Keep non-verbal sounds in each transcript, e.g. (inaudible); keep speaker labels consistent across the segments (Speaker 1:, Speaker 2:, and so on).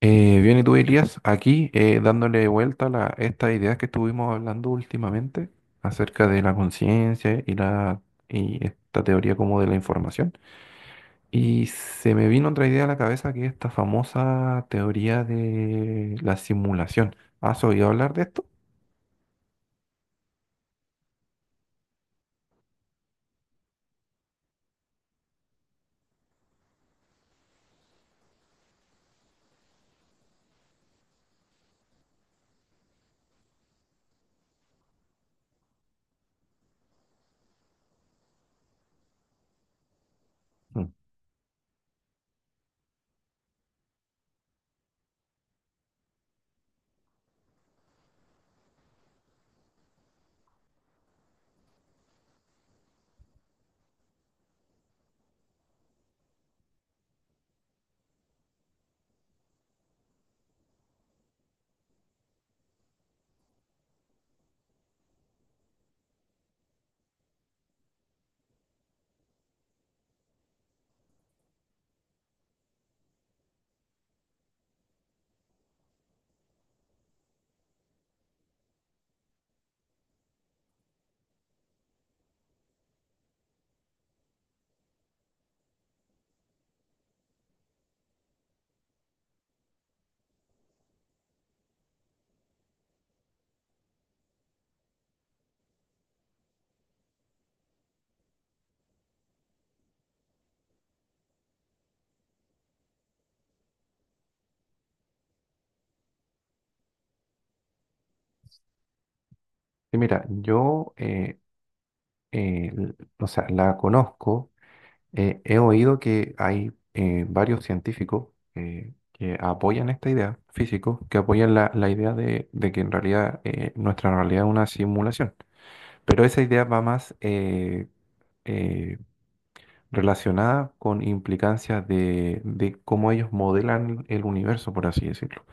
Speaker 1: Bien, y tú Elías, aquí dándole vuelta a estas ideas que estuvimos hablando últimamente acerca de la conciencia y esta teoría como de la información. Y se me vino otra idea a la cabeza, que es esta famosa teoría de la simulación. ¿Has oído hablar de esto? Mm. Y mira, o sea, la conozco. He oído que hay varios científicos, que apoyan esta idea, físicos, que apoyan la idea de que en realidad nuestra realidad es una simulación. Pero esa idea va más eh, relacionada con implicancias de cómo ellos modelan el universo, por así decirlo.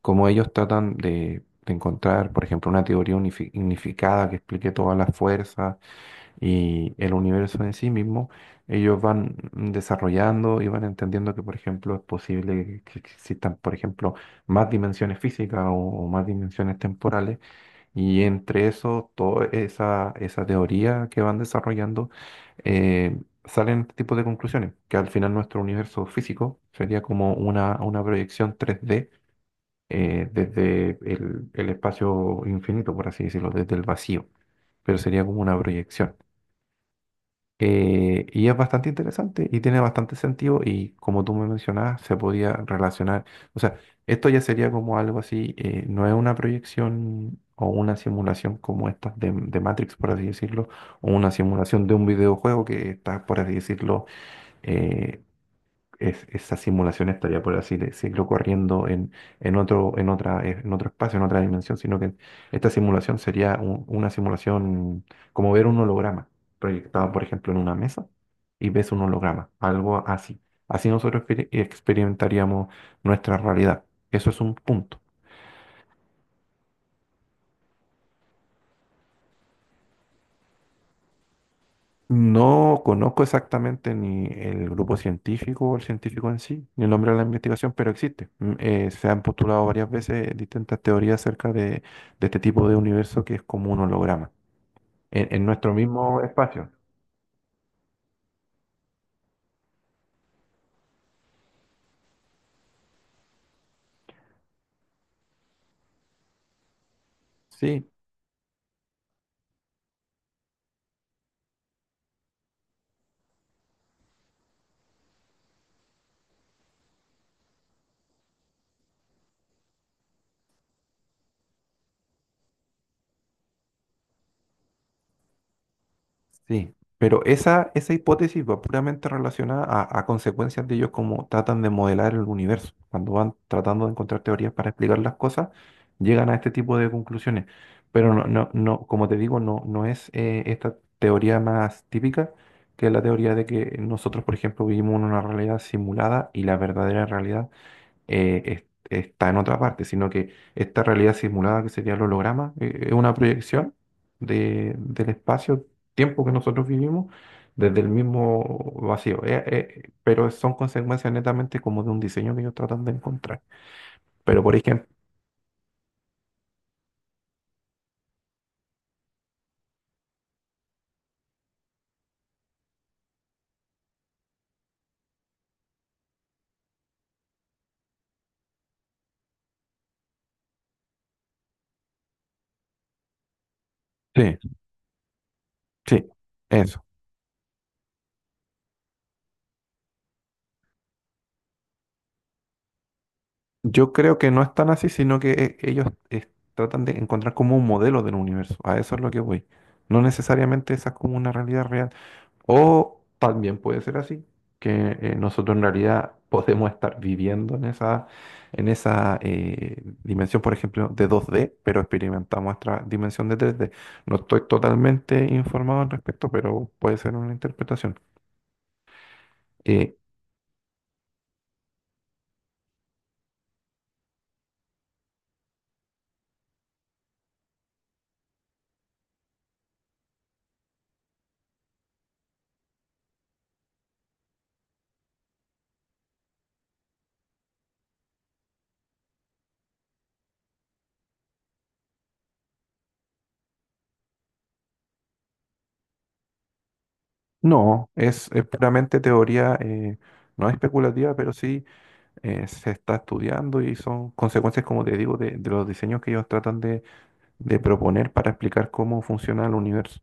Speaker 1: Cómo ellos tratan de encontrar, por ejemplo, una teoría unificada que explique todas las fuerzas y el universo en sí mismo. Ellos van desarrollando y van entendiendo que, por ejemplo, es posible que existan, por ejemplo, más dimensiones físicas o más dimensiones temporales, y entre eso, toda esa teoría que van desarrollando, eh, salen este tipo de conclusiones, que al final nuestro universo físico sería como una proyección 3D. Desde el espacio infinito, por así decirlo, desde el vacío, pero sería como una proyección. Y es bastante interesante y tiene bastante sentido, y como tú me mencionabas, se podía relacionar, o sea, esto ya sería como algo así. No es una proyección o una simulación como esta de Matrix, por así decirlo, o una simulación de un videojuego que está, por así decirlo, eh, esa simulación estaría, por así decirlo, corriendo en otro, en otro espacio, en otra dimensión, sino que esta simulación sería una simulación, como ver un holograma proyectado, por ejemplo, en una mesa, y ves un holograma, algo así. Así nosotros experimentaríamos nuestra realidad. Eso es un punto. No conozco exactamente ni el grupo científico o el científico en sí, ni el nombre de la investigación, pero existe. Mm, se han postulado varias veces distintas teorías acerca de este tipo de universo que es como un holograma, en nuestro mismo espacio. Sí. Sí, pero esa hipótesis va puramente relacionada a consecuencias de ellos, como tratan de modelar el universo. Cuando van tratando de encontrar teorías para explicar las cosas, llegan a este tipo de conclusiones. Pero no, no, no, como te digo, no, no es esta teoría más típica, que es la teoría de que nosotros, por ejemplo, vivimos en una realidad simulada y la verdadera realidad eh, está en otra parte, sino que esta realidad simulada, que sería el holograma, es una proyección del espacio-tiempo que nosotros vivimos desde el mismo vacío. Pero son consecuencias netamente como de un diseño que ellos tratan de encontrar. Pero por ejemplo, sí, sí, eso. Yo creo que no es tan así, sino que ellos tratan de encontrar como un modelo del universo. A eso es lo que voy. No necesariamente esa es como una realidad real. O también puede ser así, que nosotros en realidad podemos estar viviendo en esa dimensión, por ejemplo, de 2D, pero experimentamos nuestra dimensión de 3D. No estoy totalmente informado al respecto, pero puede ser una interpretación. Eh, no, es puramente teoría. No especulativa, pero sí se está estudiando, y son consecuencias, como te digo, de los diseños que ellos tratan de proponer para explicar cómo funciona el universo.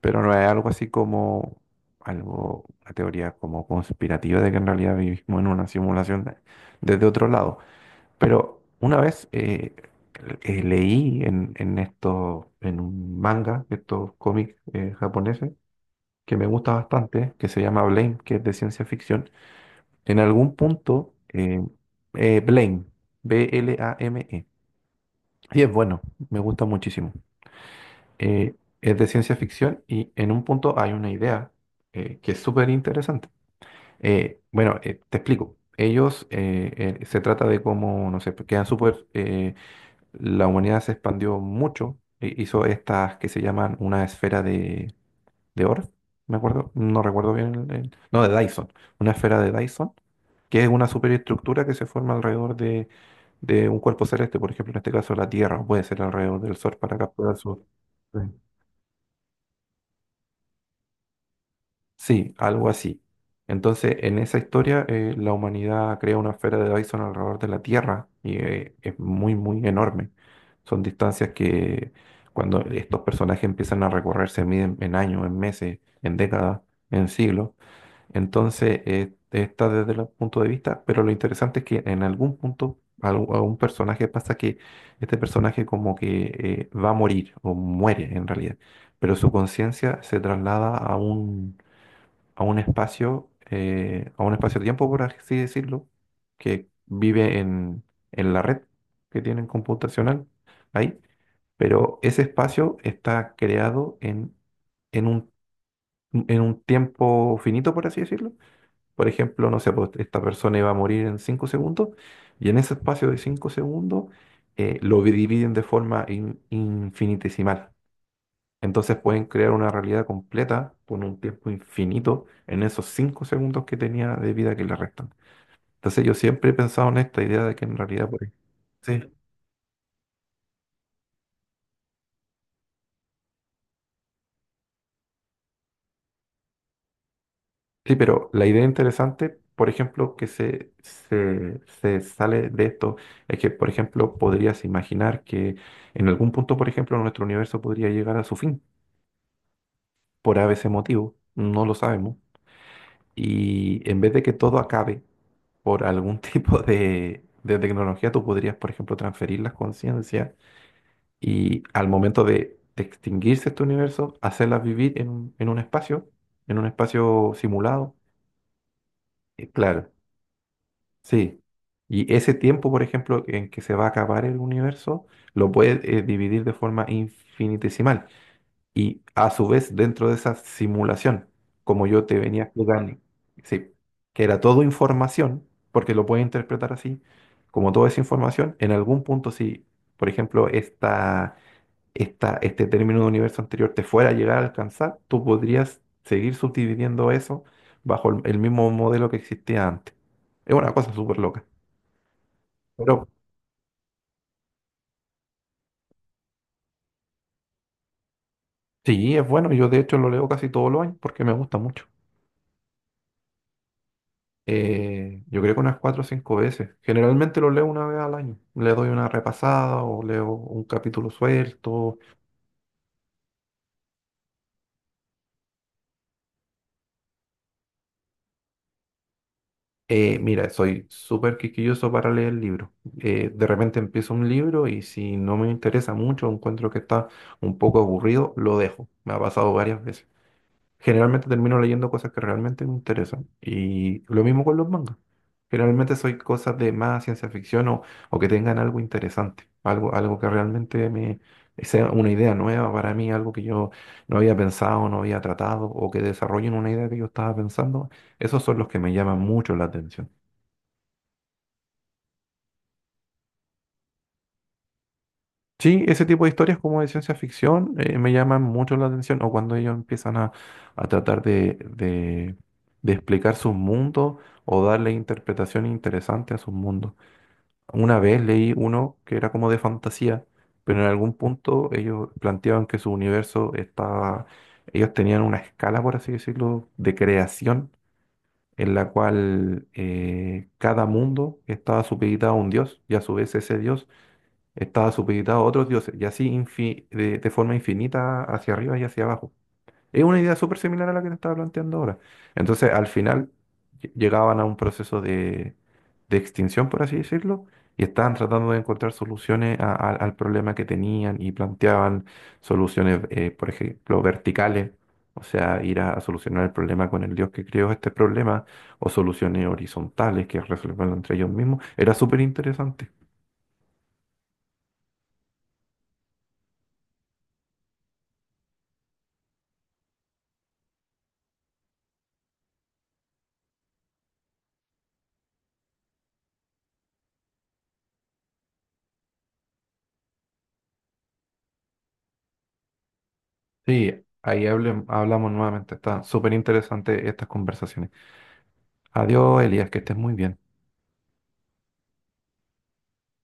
Speaker 1: Pero no es algo así como algo, una teoría como conspirativa de que en realidad vivimos en una simulación desde otro lado. Pero una vez leí en esto, en un manga, de estos cómics japoneses, que me gusta bastante, que se llama Blame, que es de ciencia ficción. En algún punto, Blame, B-L-A-M-E. Y es bueno, me gusta muchísimo. eh, es de ciencia ficción, y en un punto hay una idea que es súper interesante. Bueno, Te explico. Ellos, se trata de cómo, no sé, pues, quedan súper, la humanidad se expandió mucho, hizo estas que se llaman una esfera de Orff, me acuerdo, no recuerdo bien, no, de Dyson, una esfera de Dyson, que es una superestructura que se forma alrededor de un cuerpo celeste, por ejemplo, en este caso la Tierra, o puede ser alrededor del Sol para capturar su... Sí. Sí, algo así. Entonces, en esa historia, la humanidad crea una esfera de Dyson alrededor de la Tierra, y es muy, muy enorme. Son distancias que cuando estos personajes empiezan a recorrer se miden en años, en meses, en décadas, en siglos. Entonces, está desde el punto de vista, pero lo interesante es que en algún punto a un personaje pasa que este personaje como que va a morir o muere en realidad, pero su conciencia se traslada a un espacio, a un espacio-tiempo, por así decirlo, que vive en la red que tienen computacional ahí, pero ese espacio está creado en un, en un tiempo finito, por así decirlo. Por ejemplo, no sé, pues, esta persona iba a morir en 5 segundos, y en ese espacio de 5 segundos lo dividen de forma infinitesimal. Entonces pueden crear una realidad completa con un tiempo infinito en esos 5 segundos que tenía de vida que le restan. Entonces yo siempre he pensado en esta idea de que en realidad... Sí, sí, pero la idea interesante, por ejemplo, que se sale de esto, es que, por ejemplo, podrías imaginar que en algún punto, por ejemplo, nuestro universo podría llegar a su fin, por ese motivo, no lo sabemos. Y en vez de que todo acabe, por algún (laughs) tipo de tecnología, tú podrías, por ejemplo, transferir las conciencias y al momento de extinguirse este universo, hacerlas vivir en un espacio simulado. Claro, sí. Y ese tiempo, por ejemplo, en que se va a acabar el universo, lo puedes dividir de forma infinitesimal. Y a su vez dentro de esa simulación, como yo te venía explicando, sí, que era todo información, porque lo puedes interpretar así, como toda esa información, en algún punto si, por ejemplo, este término de universo anterior te fuera a llegar a alcanzar, tú podrías seguir subdividiendo eso bajo el mismo modelo que existía antes. Es una cosa súper loca. Pero sí, es bueno, yo de hecho lo leo casi todos los años porque me gusta mucho. Yo creo que unas cuatro o cinco veces. Generalmente lo leo una vez al año. Le doy una repasada o leo un capítulo suelto. Mira, soy súper quisquilloso para leer libros. De repente empiezo un libro y si no me interesa mucho, encuentro que está un poco aburrido, lo dejo. Me ha pasado varias veces. Generalmente termino leyendo cosas que realmente me interesan. Y lo mismo con los mangas. Generalmente soy cosas de más ciencia ficción, o que tengan algo interesante, algo, algo que realmente me sea una idea nueva para mí, algo que yo no había pensado, no había tratado, o que desarrollen una idea que yo estaba pensando. Esos son los que me llaman mucho la atención. Sí, ese tipo de historias como de ciencia ficción me llaman mucho la atención, o cuando ellos empiezan a tratar de explicar sus mundos o darle interpretación interesante a sus mundos. Una vez leí uno que era como de fantasía, pero en algún punto ellos planteaban que su universo estaba, ellos tenían una escala, por así decirlo, de creación, en la cual cada mundo estaba supeditado a un dios, y a su vez ese dios estaba supeditado a otros dioses, y así de forma infinita hacia arriba y hacia abajo. Es una idea súper similar a la que te estaba planteando ahora. Entonces, al final llegaban a un proceso de extinción, por así decirlo, y estaban tratando de encontrar soluciones al problema que tenían, y planteaban soluciones, por ejemplo, verticales. O sea, ir a solucionar el problema con el dios que creó este problema, o soluciones horizontales, que resolverlo entre ellos mismos. Era súper interesante. Sí, ahí hablamos nuevamente. Está súper interesante estas conversaciones. Adiós, Elías, que estés muy bien.